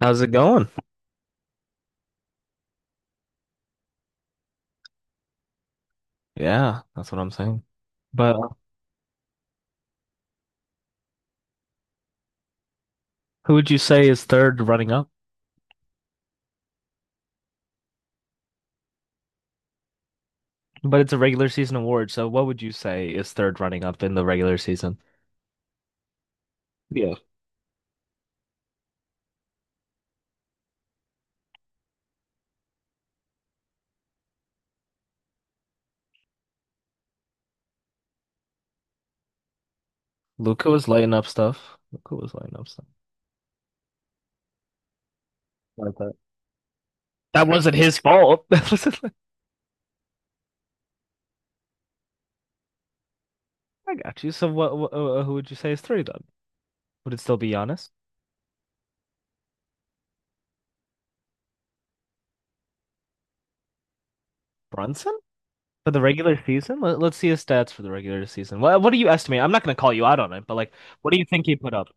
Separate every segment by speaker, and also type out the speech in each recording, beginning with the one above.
Speaker 1: How's it going? Yeah, that's what I'm saying. But Who would you say is third running up? But it's a regular season award, so what would you say is third running up in the regular season? Yeah. Luka was lighting up stuff. Luka was lighting up stuff. Like that. That wasn't his fault. That wasn't like, I got you. So what who would you say is three then? Would it still be Giannis? Brunson? For the regular season? Let's see his stats for the regular season. What do you estimate? I'm not gonna call you out on it, but like what do you think he put up?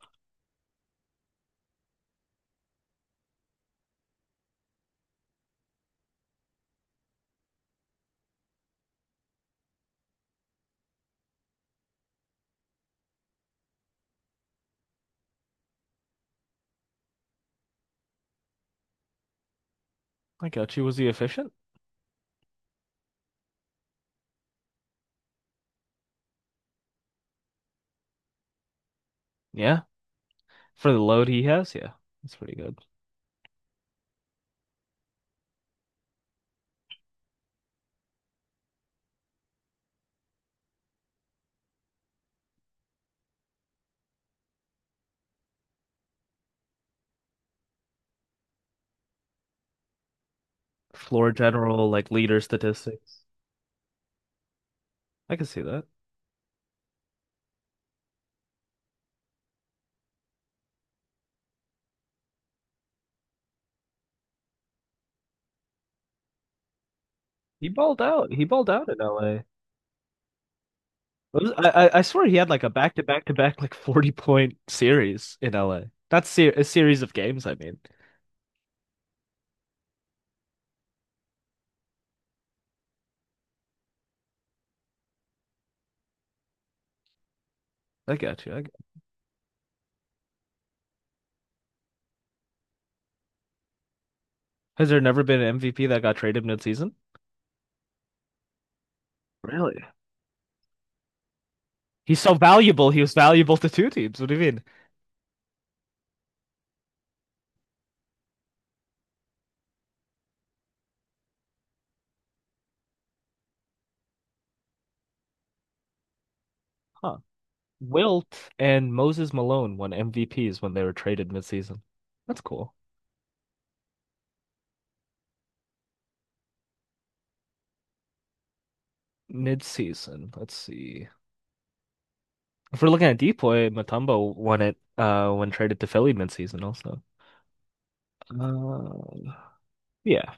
Speaker 1: I got you. Was he efficient? Yeah. For the load he has, yeah. That's pretty good. Floor general, like leader statistics. I can see that. He balled out. He balled out in LA. I swear he had like a back to back to back like 40 point series in LA. Not ser a series of games, I mean. I got you. I got. Has there never been an MVP that got traded mid-season? Really? He's so valuable. He was valuable to two teams. What do you mean? Huh. Wilt and Moses Malone won MVPs when they were traded mid-season. That's cool. Mid-season. Let's see. If we're looking at Depoy, Mutombo won it when traded to Philly mid-season also. Um, Yeah,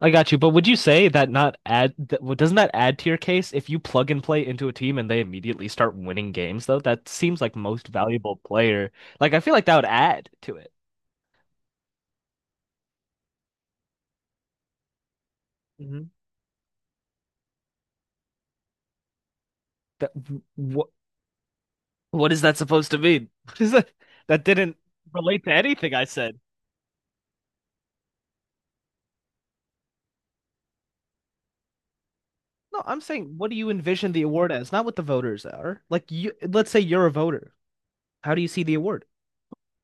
Speaker 1: I got you. But would you say that not add that, well, doesn't that add to your case if you plug and play into a team and they immediately start winning games though? That seems like most valuable player. Like I feel like that would add to it. Mhm. That what what is that supposed to mean? What is that? That didn't relate to anything I said. No, I'm saying what do you envision the award as? Not what the voters are. Like you, let's say you're a voter. How do you see the award?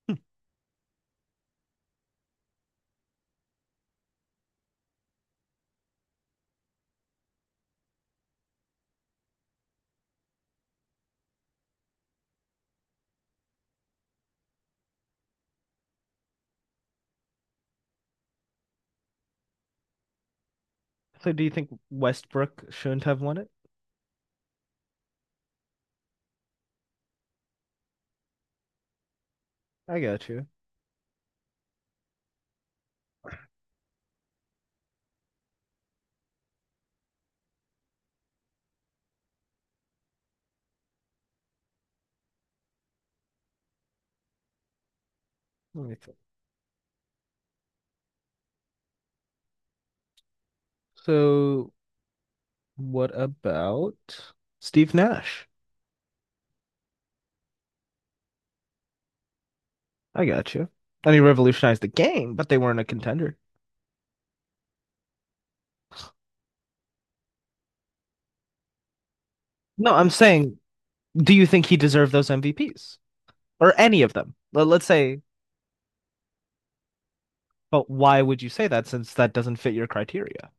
Speaker 1: Hmm. So do you think Westbrook shouldn't have won it? I got you. Let me think. So what about Steve Nash? I got you. And he revolutionized the game, but they weren't a contender. No, I'm saying, do you think he deserved those MVPs or any of them? Let's say. But why would you say that since that doesn't fit your criteria?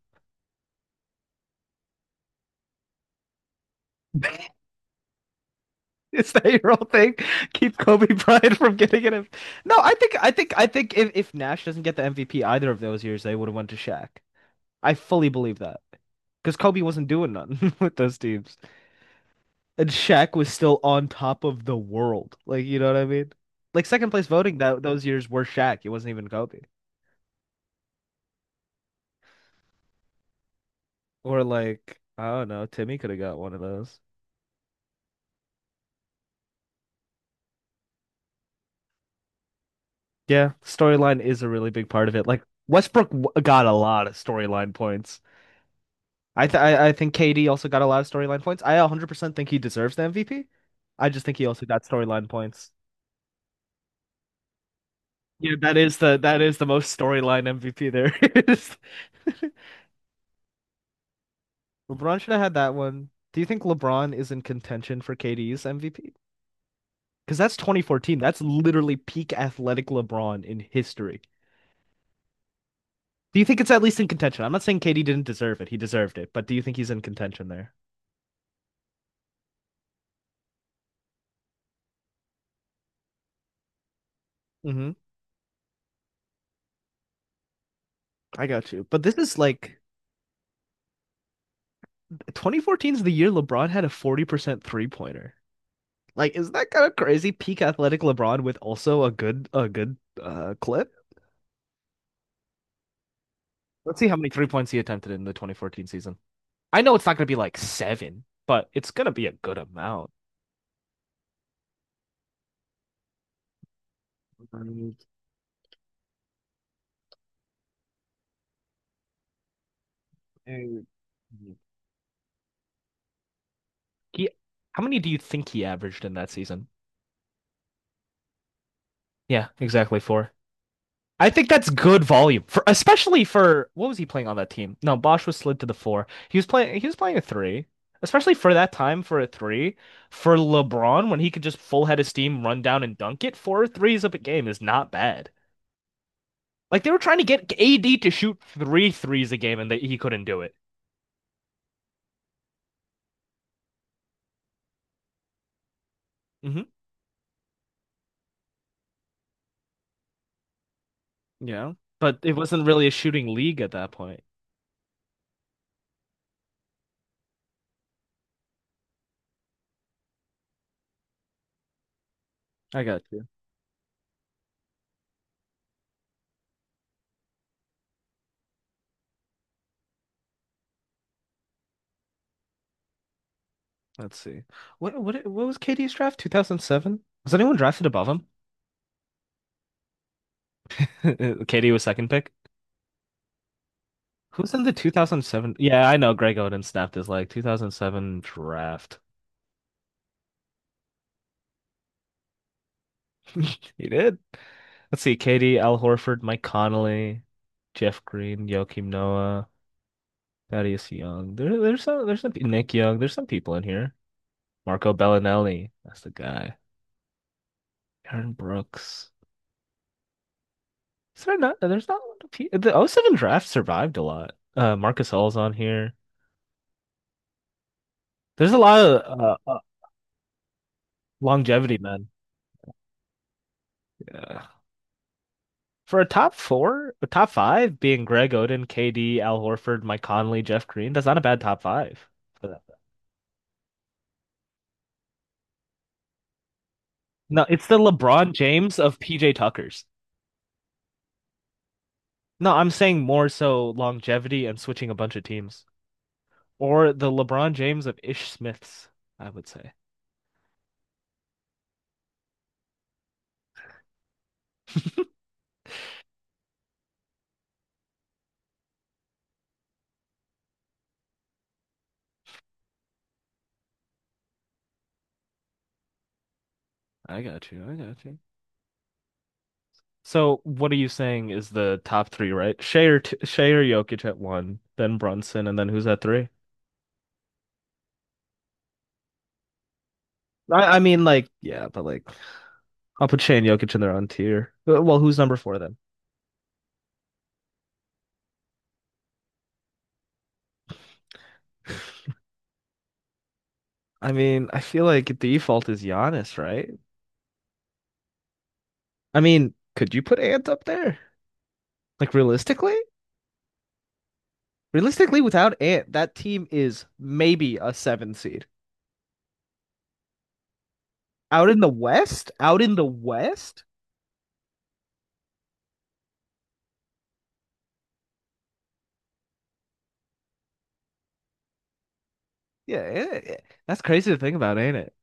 Speaker 1: Is that your whole thing? Keep Kobe Bryant from getting it. No, I think if Nash doesn't get the MVP either of those years, they would have went to Shaq. I fully believe that. Because Kobe wasn't doing nothing with those teams. And Shaq was still on top of the world. Like, you know what I mean? Like second place voting that those years were Shaq. It wasn't even Kobe. Or like, I don't know, Timmy could have got one of those. Yeah, storyline is a really big part of it. Like Westbrook got a lot of storyline points. I think KD also got a lot of storyline points. I 100% think he deserves the MVP. I just think he also got storyline points. Yeah, that is the most storyline MVP there is. LeBron should have had that one. Do you think LeBron is in contention for KD's MVP? Because that's 2014. That's literally peak athletic LeBron in history. Do you think it's at least in contention? I'm not saying KD didn't deserve it. He deserved it, but do you think he's in contention there? Hmm. I got you. But this is like 2014 is the year LeBron had a 40% three pointer. Like, is that kind of crazy? Peak athletic LeBron with also a good clip. Let's see how many three points he attempted in the 2014 season. I know it's not gonna be like seven, but it's gonna be a good amount. Um, uh, He, how many do you think he averaged in that season? Yeah, exactly four. I think that's good volume for especially for what was he playing on that team? No, Bosch was slid to the four. He was playing a three. Especially for that time for a three. For LeBron, when he could just full head of steam, run down and dunk it, four threes a game is not bad. Like they were trying to get AD to shoot three threes a game and they, he couldn't do it. Hmm. You know? But it wasn't really a shooting league at that point. I got you. Let's see. What was KD's draft? 2007? Was anyone drafted above him? KD was second pick. Who's in the 2007? Yeah, I know Greg Oden snapped his leg. 2007 draft. He did. Let's see. KD, Al Horford, Mike Conley, Jeff Green, Joakim Noah, Thaddeus Young. There's some, Nick Young. There's some people in here. Marco Bellinelli. That's the guy. Aaron Brooks. Is there not, there's not a lot of people. The O seven draft survived a lot. Marcus All's on here. There's a lot of longevity, man. Yeah. For a top four, a top five being Greg Oden, KD, Al Horford, Mike Conley, Jeff Green, that's not a bad top five for that. No, it's the LeBron James of PJ Tuckers. No, I'm saying more so longevity and switching a bunch of teams. Or the LeBron James of Ish Smiths, I would say. I got you. I got you. So what are you saying is the top three, right? Shea or Jokic at one, then Brunson, and then who's at three? I, I mean, like, yeah, but like, I'll put Shea and Jokic in their own tier. Well, who's number four then? I mean, I feel like default is Giannis, right? I mean, could you put Ant up there? Like realistically? Realistically, without Ant, that team is maybe a seven seed. Out in the West? Out in the West? Yeah, yeah. That's crazy to think about, ain't it?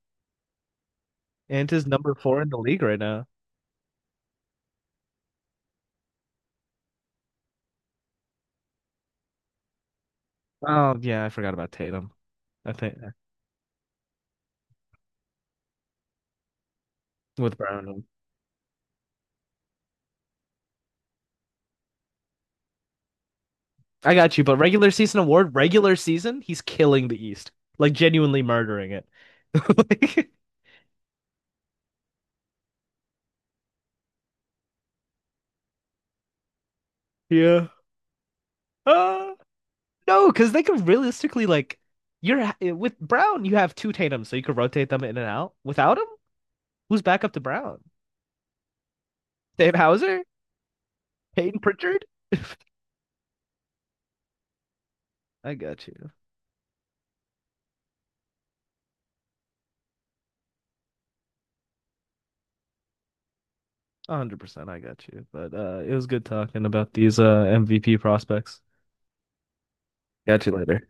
Speaker 1: Ant is number four in the league right now. Oh, yeah, I forgot about Tatum. I think with Brown. I got you, but regular season award, regular season, he's killing the East. Like genuinely murdering it. Like, yeah. Ah. No, because they could realistically like with Brown, you have two Tatum, so you could rotate them in and out. Without him, who's back up to Brown? Dave Hauser, Peyton Pritchard. I got you, 100%. I got you. But it was good talking about these MVP prospects. Got you later.